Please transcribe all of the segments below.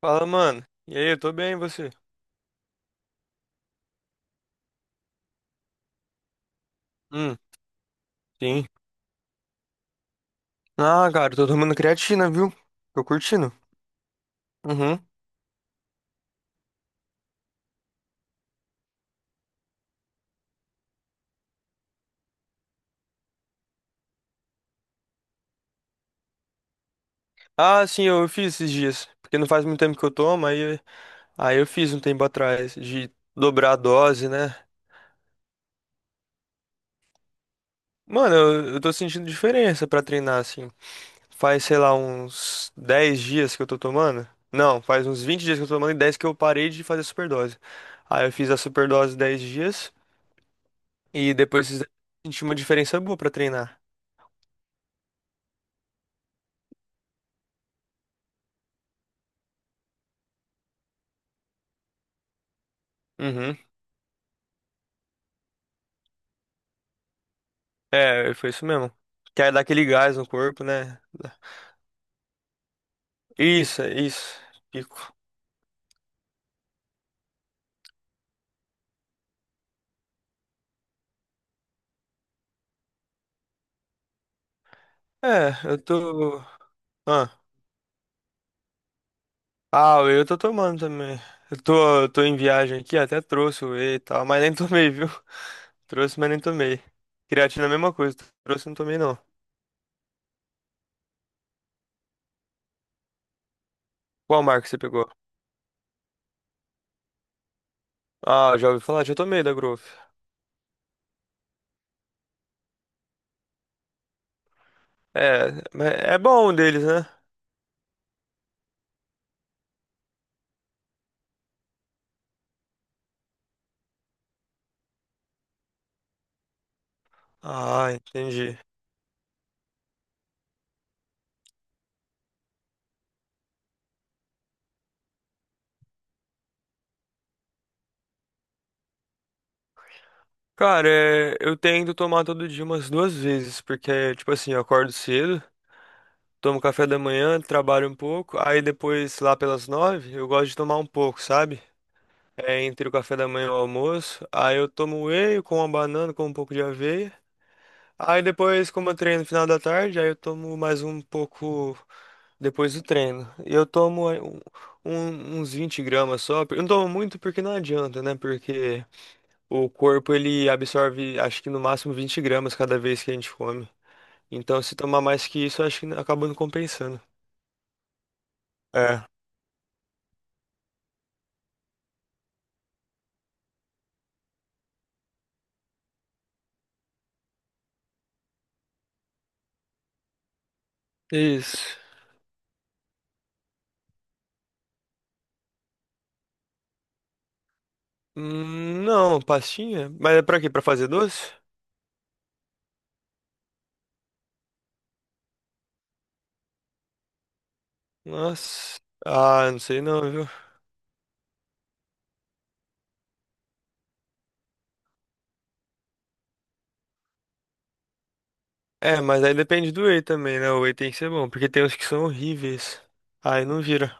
Fala, mano. E aí, eu tô bem, e você? Hum, sim. Ah, cara, eu tô tomando creatina, viu? Tô curtindo. Uhum. Ah, sim, eu fiz esses dias. Porque não faz muito tempo que eu tomo, aí eu fiz um tempo atrás de dobrar a dose, né? Mano, eu tô sentindo diferença pra treinar, assim. Faz, sei lá, uns 10 dias que eu tô tomando. Não, faz uns 20 dias que eu tô tomando e 10 que eu parei de fazer superdose. Aí eu fiz a superdose 10 dias e depois senti uma diferença boa pra treinar. Uhum. É, foi isso mesmo. Quer dar aquele gás no corpo, né? Isso, é isso. Pico. É, eu tô. Ah, ah, o whey eu tô tomando também. Eu tô em viagem aqui, até trouxe o whey e tal, mas nem tomei, viu? Trouxe, mas nem tomei. Creatina é a mesma coisa, trouxe, não tomei não. Qual marca você pegou? Ah, já ouvi falar, já tomei da Growth. É, mas é bom um deles, né? Ah, entendi. Cara, é, eu tento tomar todo dia umas duas vezes, porque, tipo assim, eu acordo cedo. Tomo café da manhã, trabalho um pouco, aí depois, lá pelas 9, eu gosto de tomar um pouco, sabe? É entre o café da manhã e o almoço. Aí eu tomo whey com uma banana, com um pouco de aveia. Aí depois, como eu treino no final da tarde, aí eu tomo mais um pouco depois do treino. E eu tomo é, uns 20 gramas só. Eu não tomo muito porque não adianta, né? Porque o corpo ele absorve, acho que no máximo 20 gramas cada vez que a gente come. Então, se tomar mais que isso, acho que acaba não compensando. É. Isso. Não, pastinha? Mas é pra quê? Pra fazer doce? Nossa. Ah, não sei não, viu? É, mas aí depende do whey também, né? O whey tem que ser bom, porque tem uns que são horríveis. Aí não vira.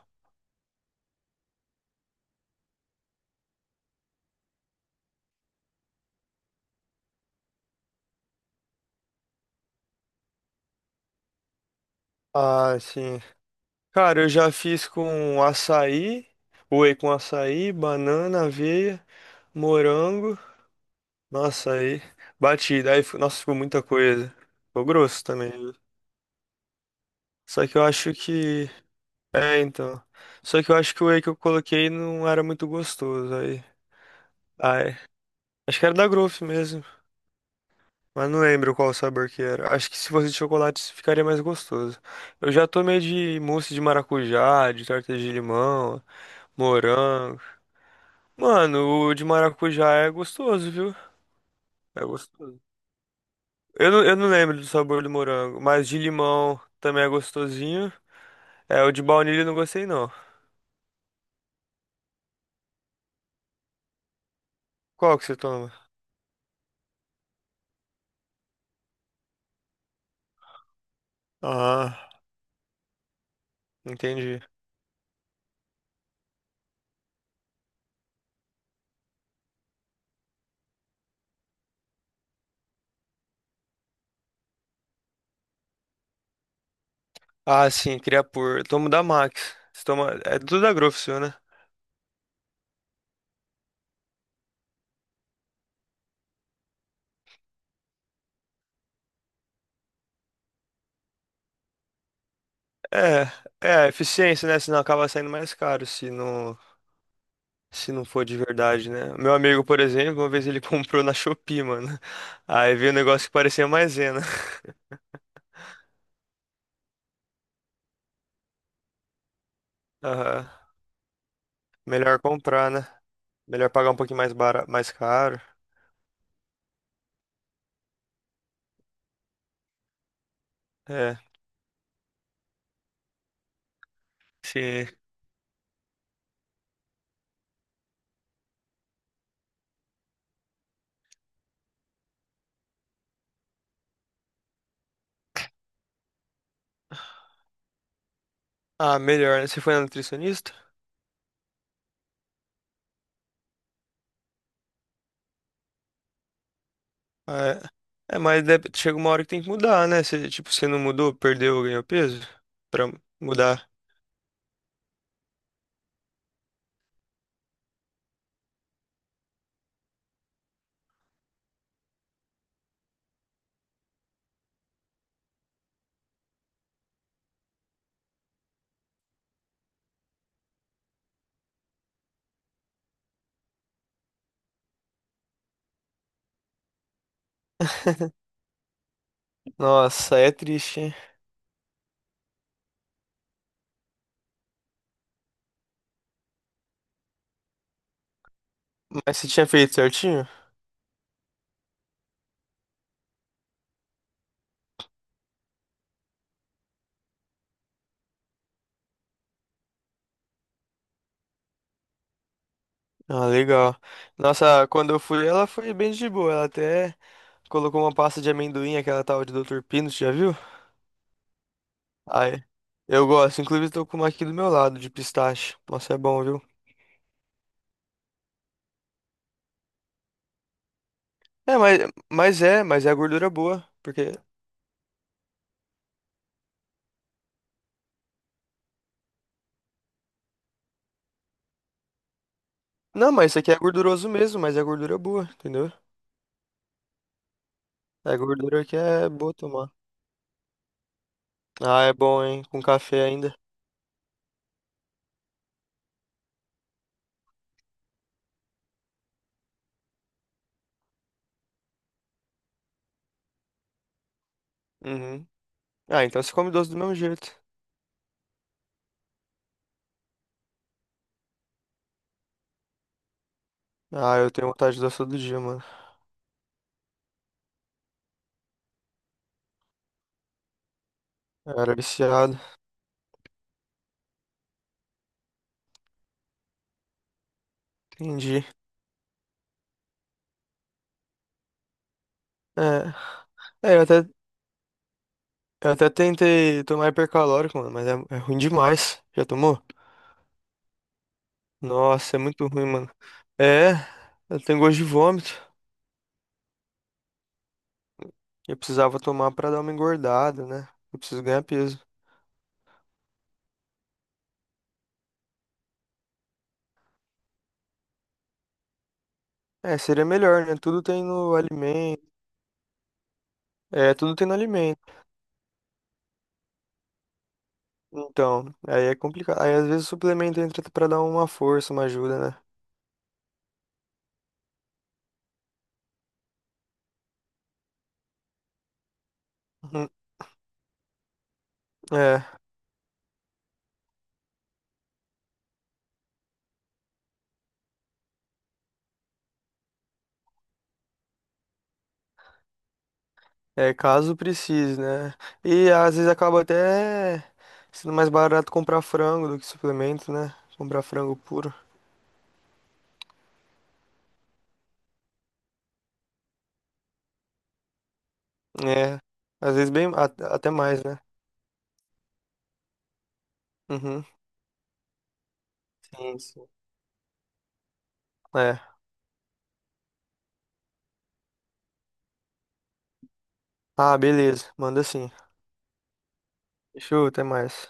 Ah, sim. Cara, eu já fiz com açaí, whey com açaí, banana, aveia, morango. Nossa, aí batida. Aí, nossa, ficou muita coisa. Ficou grosso também, viu? Só que eu acho que. É, então. Só que eu acho que o whey que eu coloquei não era muito gostoso. Aí. Ai, acho que era da Growth mesmo, mas não lembro qual sabor que era. Acho que se fosse de chocolate ficaria mais gostoso. Eu já tomei de mousse de maracujá, de torta de limão, morango. Mano, o de maracujá é gostoso, viu? É gostoso. Eu não lembro do sabor do morango, mas de limão também é gostosinho. É, o de baunilha eu não gostei não. Qual que você toma? Ah, entendi. Ah, sim, queria por. Eu tomo da Max. Você toma... É tudo da Growth, seu, né? É, é a eficiência, né? Senão acaba saindo mais caro se não for de verdade, né? Meu amigo, por exemplo, uma vez ele comprou na Shopee, mano. Aí veio um negócio que parecia maisena. Aham. Melhor comprar, né? Melhor pagar um pouquinho mais caro. É, se... Ah, melhor, né? Você foi na nutricionista? Ah, é, mas chega uma hora que tem que mudar, né? Se, tipo, você não mudou, perdeu, ganhou peso? Pra mudar. Nossa, é triste, hein? Mas você tinha feito certinho? Ah, legal. Nossa, quando eu fui, ela foi bem de boa. Ela até colocou uma pasta de amendoim, aquela tal de doutor Pino, você já viu? Aí, eu gosto. Inclusive, tô com uma aqui do meu lado, de pistache. Nossa, é bom, viu? É, mas, é, mas é gordura boa. Porque. Não, mas isso aqui é gorduroso mesmo, mas é gordura boa, entendeu? É gordura que é boa tomar. Ah, é bom, hein? Com café ainda. Uhum. Ah, então você come doce do mesmo jeito. Ah, eu tenho vontade de doce todo dia, mano. Eu era viciado. Entendi. É. É, eu até Eu até tentei tomar hipercalórico, mano, mas é ruim demais. Já tomou? Nossa, é muito ruim, mano. É, eu tenho gosto de vômito. Eu precisava tomar pra dar uma engordada, né? Eu preciso ganhar peso. É, seria melhor, né? Tudo tem no alimento. É, tudo tem no alimento. Então, aí é complicado. Aí às vezes o suplemento entra pra dar uma força, uma ajuda, né? Uhum. É, é caso precise, né? E às vezes acaba até sendo mais barato comprar frango do que suplemento, né? Comprar frango puro. É, às vezes bem, até mais, né? Uhum, sim, sim. É. Ah, beleza, manda sim. Show, até mais.